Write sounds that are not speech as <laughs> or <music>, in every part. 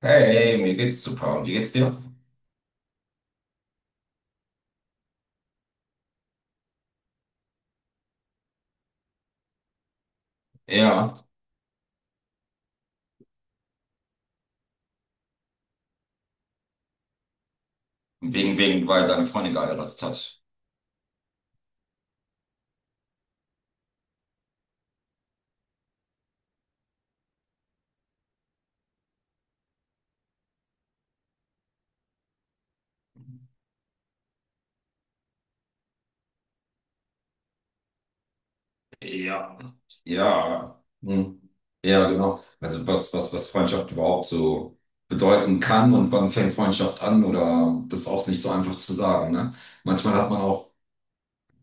Hey, hey, mir geht's super. Und wie geht's dir? Ja, weil deine Freundin geheiratet hat. Ja. Ja. Hm. Ja, genau. Also was Freundschaft überhaupt so bedeuten kann und wann fängt Freundschaft an oder das ist auch nicht so einfach zu sagen, ne? Manchmal hat man auch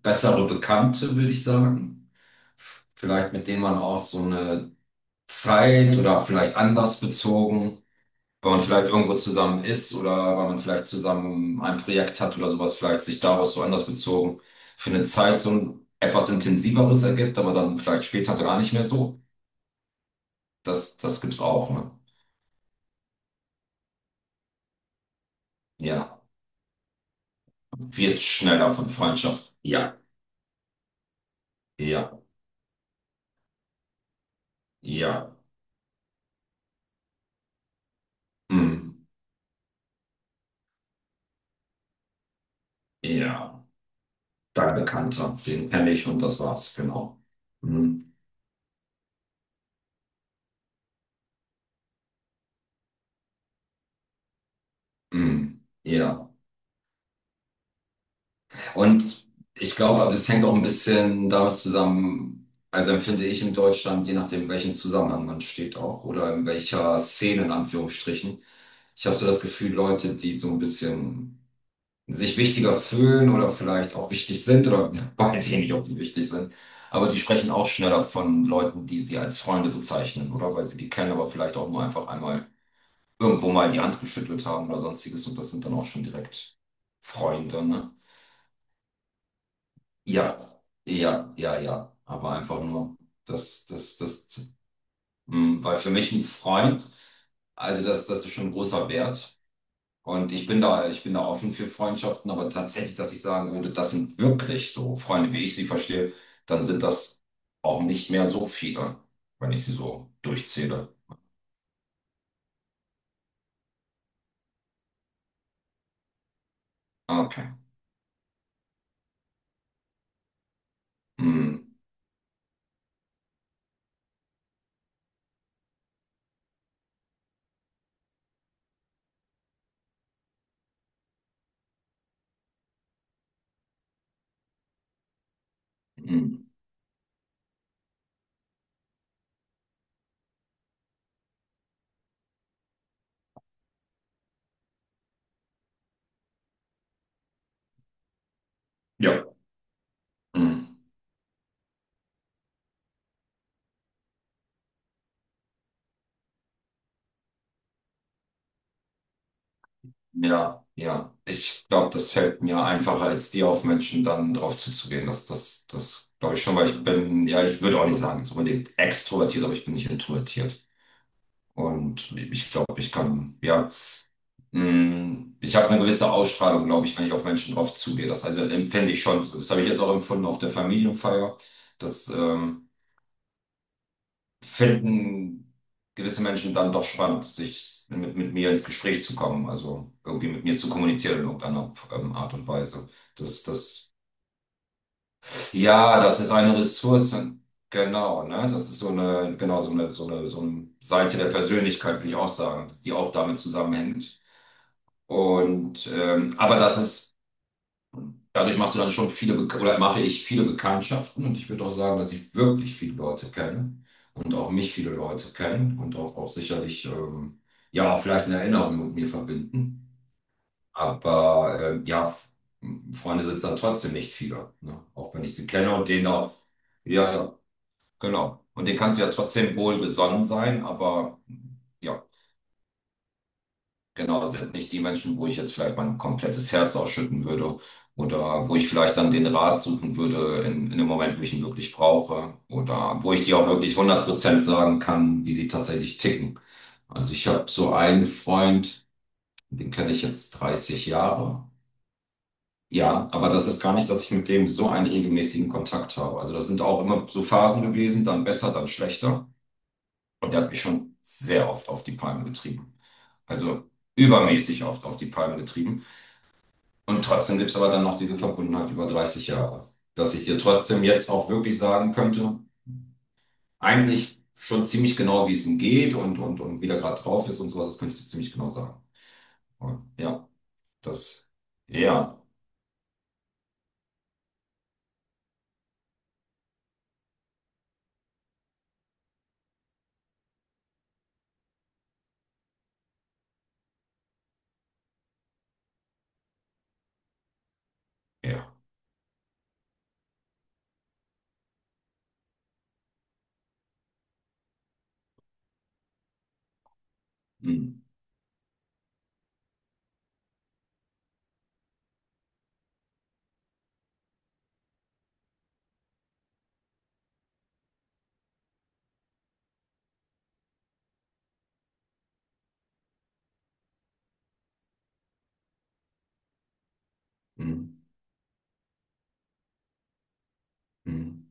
bessere Bekannte, würde ich sagen. Vielleicht mit denen man auch so eine Zeit oder vielleicht anders bezogen. Weil man vielleicht irgendwo zusammen ist oder weil man vielleicht zusammen ein Projekt hat oder sowas, vielleicht sich daraus so anders bezogen für eine Zeit so ein etwas intensiveres ergibt, aber dann vielleicht später gar nicht mehr so. Das gibt's auch, ne? Ja. Wird schneller von Freundschaft. Ja, ja, ja. Mm, ja. Dein Bekannter, den kenne ich und das war's, genau. Mm, mm, ja. Und ich glaube, aber es hängt auch ein bisschen damit zusammen, also empfinde ich in Deutschland, je nachdem, in welchem Zusammenhang man steht auch oder in welcher Szene in Anführungsstrichen. Ich habe so das Gefühl, Leute, die so ein bisschen sich wichtiger fühlen oder vielleicht auch wichtig sind oder <laughs> weiß ich nicht, ob die wichtig sind, aber die sprechen auch schneller von Leuten, die sie als Freunde bezeichnen oder weil sie die kennen, aber vielleicht auch nur einfach einmal irgendwo mal die Hand geschüttelt haben oder sonstiges und das sind dann auch schon direkt Freunde, ne? Ja, ja, ja, ja. Aber einfach nur, das, das, das, weil für mich ein Freund, also das ist schon ein großer Wert. Und ich bin da offen für Freundschaften, aber tatsächlich, dass ich sagen würde, das sind wirklich so Freunde, wie ich sie verstehe, dann sind das auch nicht mehr so viele, wenn ich sie so durchzähle. Ah, okay. Mhm. Mhm. Ja. Mhm. Ja, ja. Ich glaube, das fällt mir einfacher, als dir auf Menschen dann drauf zuzugehen. Das glaube ich schon, weil ich bin, ja, ich würde auch nicht sagen, so unbedingt extrovertiert, aber ich bin nicht introvertiert. Und ich glaube, ich kann, ja, ich habe eine gewisse Ausstrahlung, glaube ich, wenn ich auf Menschen drauf zugehe. Das also empfinde ich schon. Das habe ich jetzt auch empfunden auf der Familienfeier. Das, finden gewisse Menschen dann doch spannend, sich mit mir ins Gespräch zu kommen, also irgendwie mit mir zu kommunizieren in irgendeiner Art und Weise. Das, das, ja, das ist eine Ressource, genau, ne? Das ist so eine, genau, so eine Seite der Persönlichkeit, würde ich auch sagen, die auch damit zusammenhängt. Und aber das ist dadurch machst du dann schon viele, oder mache ich viele Bekanntschaften und ich würde auch sagen, dass ich wirklich viele Leute kenne und auch mich viele Leute kennen und auch sicherlich, ja, auch vielleicht eine Erinnerung mit mir verbinden. Aber ja, Freunde sind dann trotzdem nicht viele, ne? Auch wenn ich sie kenne und denen auch, ja, ja, genau. Und denen kannst du ja trotzdem wohlgesonnen sein, aber ja. Genau, sind nicht die Menschen, wo ich jetzt vielleicht mein komplettes Herz ausschütten würde oder wo ich vielleicht dann den Rat suchen würde in dem Moment, wo ich ihn wirklich brauche oder wo ich dir auch wirklich 100% sagen kann, wie sie tatsächlich ticken. Also ich habe so einen Freund, den kenne ich jetzt 30 Jahre. Ja, aber das ist gar nicht, dass ich mit dem so einen regelmäßigen Kontakt habe. Also das sind auch immer so Phasen gewesen, dann besser, dann schlechter. Und der hat mich schon sehr oft auf die Palme getrieben. Also übermäßig oft auf die Palme getrieben. Und trotzdem gibt es aber dann noch diese Verbundenheit über 30 Jahre, dass ich dir trotzdem jetzt auch wirklich sagen könnte, eigentlich schon ziemlich genau, wie es ihm geht und wie der gerade drauf ist und sowas, das könnte ich dir ziemlich genau sagen. Und ja, das, ja, ja. Mm, mm, mm,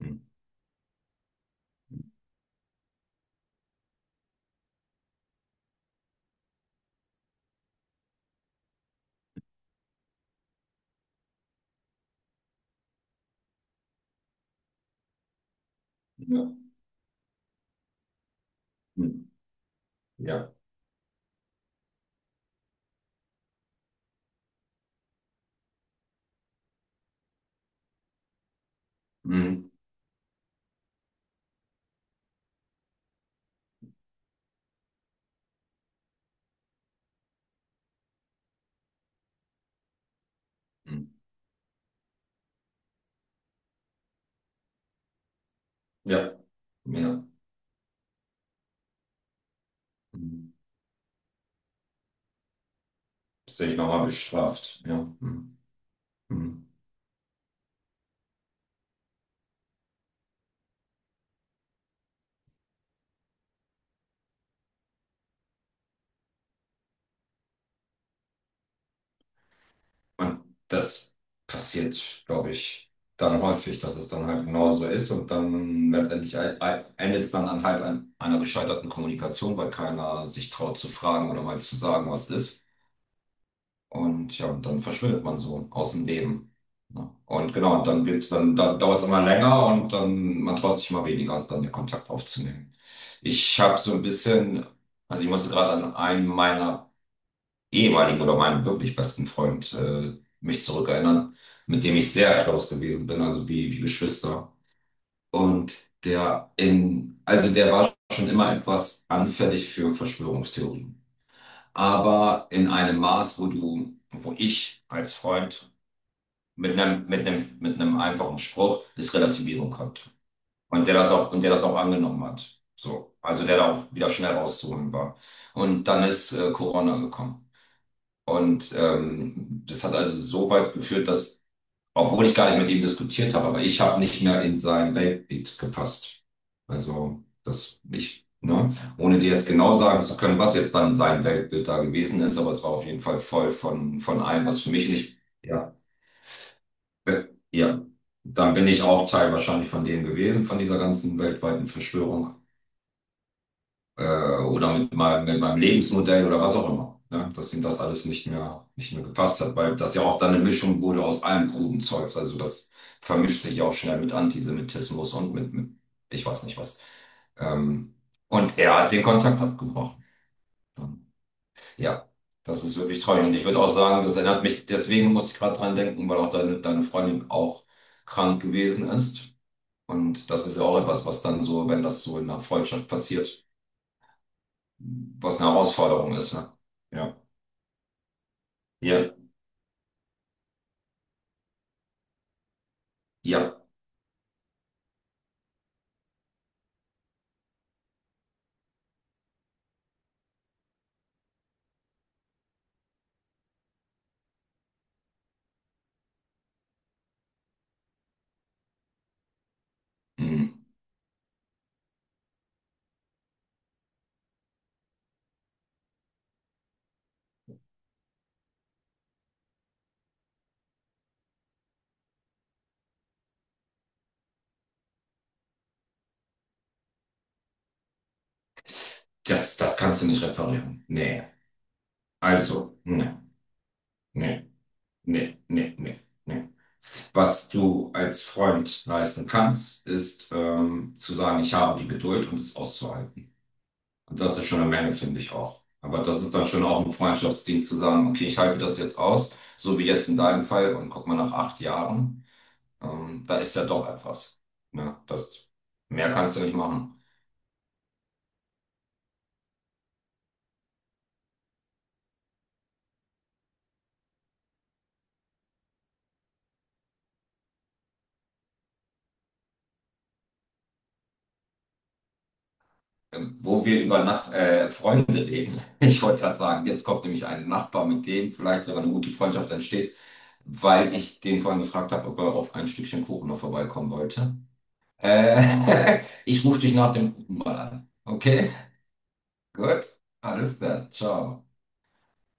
mm, ja, mm, ja, mm, mm, ja, ja. Mm. Das sehe ich nochmal bestraft. Ja. Mm, mm. Und das passiert, glaube ich, dann häufig, dass es dann halt genauso ist und dann letztendlich halt endet es dann an halt an einer gescheiterten Kommunikation, weil keiner sich traut zu fragen oder mal zu sagen, was ist. Und ja, und dann verschwindet man so aus dem Leben. Ne? Und genau, und dann dauert es immer länger und dann man traut sich immer weniger, dann den Kontakt aufzunehmen. Ich habe so ein bisschen, also ich musste gerade an einen meiner ehemaligen oder meinem wirklich besten Freund mich zurückerinnern, mit dem ich sehr close gewesen bin, also wie Geschwister. Und also der war schon immer etwas anfällig für Verschwörungstheorien. Aber in einem Maß, wo ich als Freund mit einem einfachen Spruch es relativieren konnte. Und der das auch angenommen hat. So. Also der da auch wieder schnell rauszuholen war. Und dann ist Corona gekommen. Und das hat also so weit geführt, dass, obwohl ich gar nicht mit ihm diskutiert habe, aber ich habe nicht mehr in sein Weltbild gepasst. Also, ne, ohne dir jetzt genau sagen zu können, was jetzt dann sein Weltbild da gewesen ist, aber es war auf jeden Fall voll von allem, was für mich nicht, ja, äh, ja, dann bin ich auch Teil wahrscheinlich von dem gewesen, von dieser ganzen weltweiten Verschwörung. äh, oder mit meinem, Lebensmodell oder was auch immer. Ne? Dass ihm das alles nicht mehr gepasst hat, weil das ja auch dann eine Mischung wurde aus allem kruden Zeugs. Also das vermischt sich ja auch schnell mit Antisemitismus und mit ich weiß nicht was. Ähm, und er hat den Kontakt abgebrochen. Ja, das ist wirklich traurig. Und ich würde auch sagen, das erinnert mich, deswegen musste ich gerade dran denken, weil auch deine Freundin auch krank gewesen ist. Und das ist ja auch etwas, was dann so, wenn das so in einer Freundschaft passiert, was eine Herausforderung ist. Ne? Ja, ja, ja. Hm. Das kannst du nicht reparieren. Nee. Also, nee, nee, nee, nee, nee. Nee. Was du als Freund leisten kannst, ist zu sagen, ich habe die Geduld und es auszuhalten. Und das ist schon eine Menge, finde ich auch. Aber das ist dann schon auch ein Freundschaftsdienst zu sagen, okay, ich halte das jetzt aus, so wie jetzt in deinem Fall, und guck mal nach 8 Jahren, da ist ja doch etwas. Ne? Das, mehr kannst du nicht machen. Wo wir über Nach Freunde reden. <laughs> Ich wollte gerade sagen, jetzt kommt nämlich ein Nachbar, mit dem vielleicht sogar eine gute Freundschaft entsteht, weil ich den vorhin gefragt habe, ob er auf ein Stückchen Kuchen noch vorbeikommen wollte. Äh, <laughs> Ich rufe dich nach dem Kuchen mal an. Okay, gut, alles klar, ciao.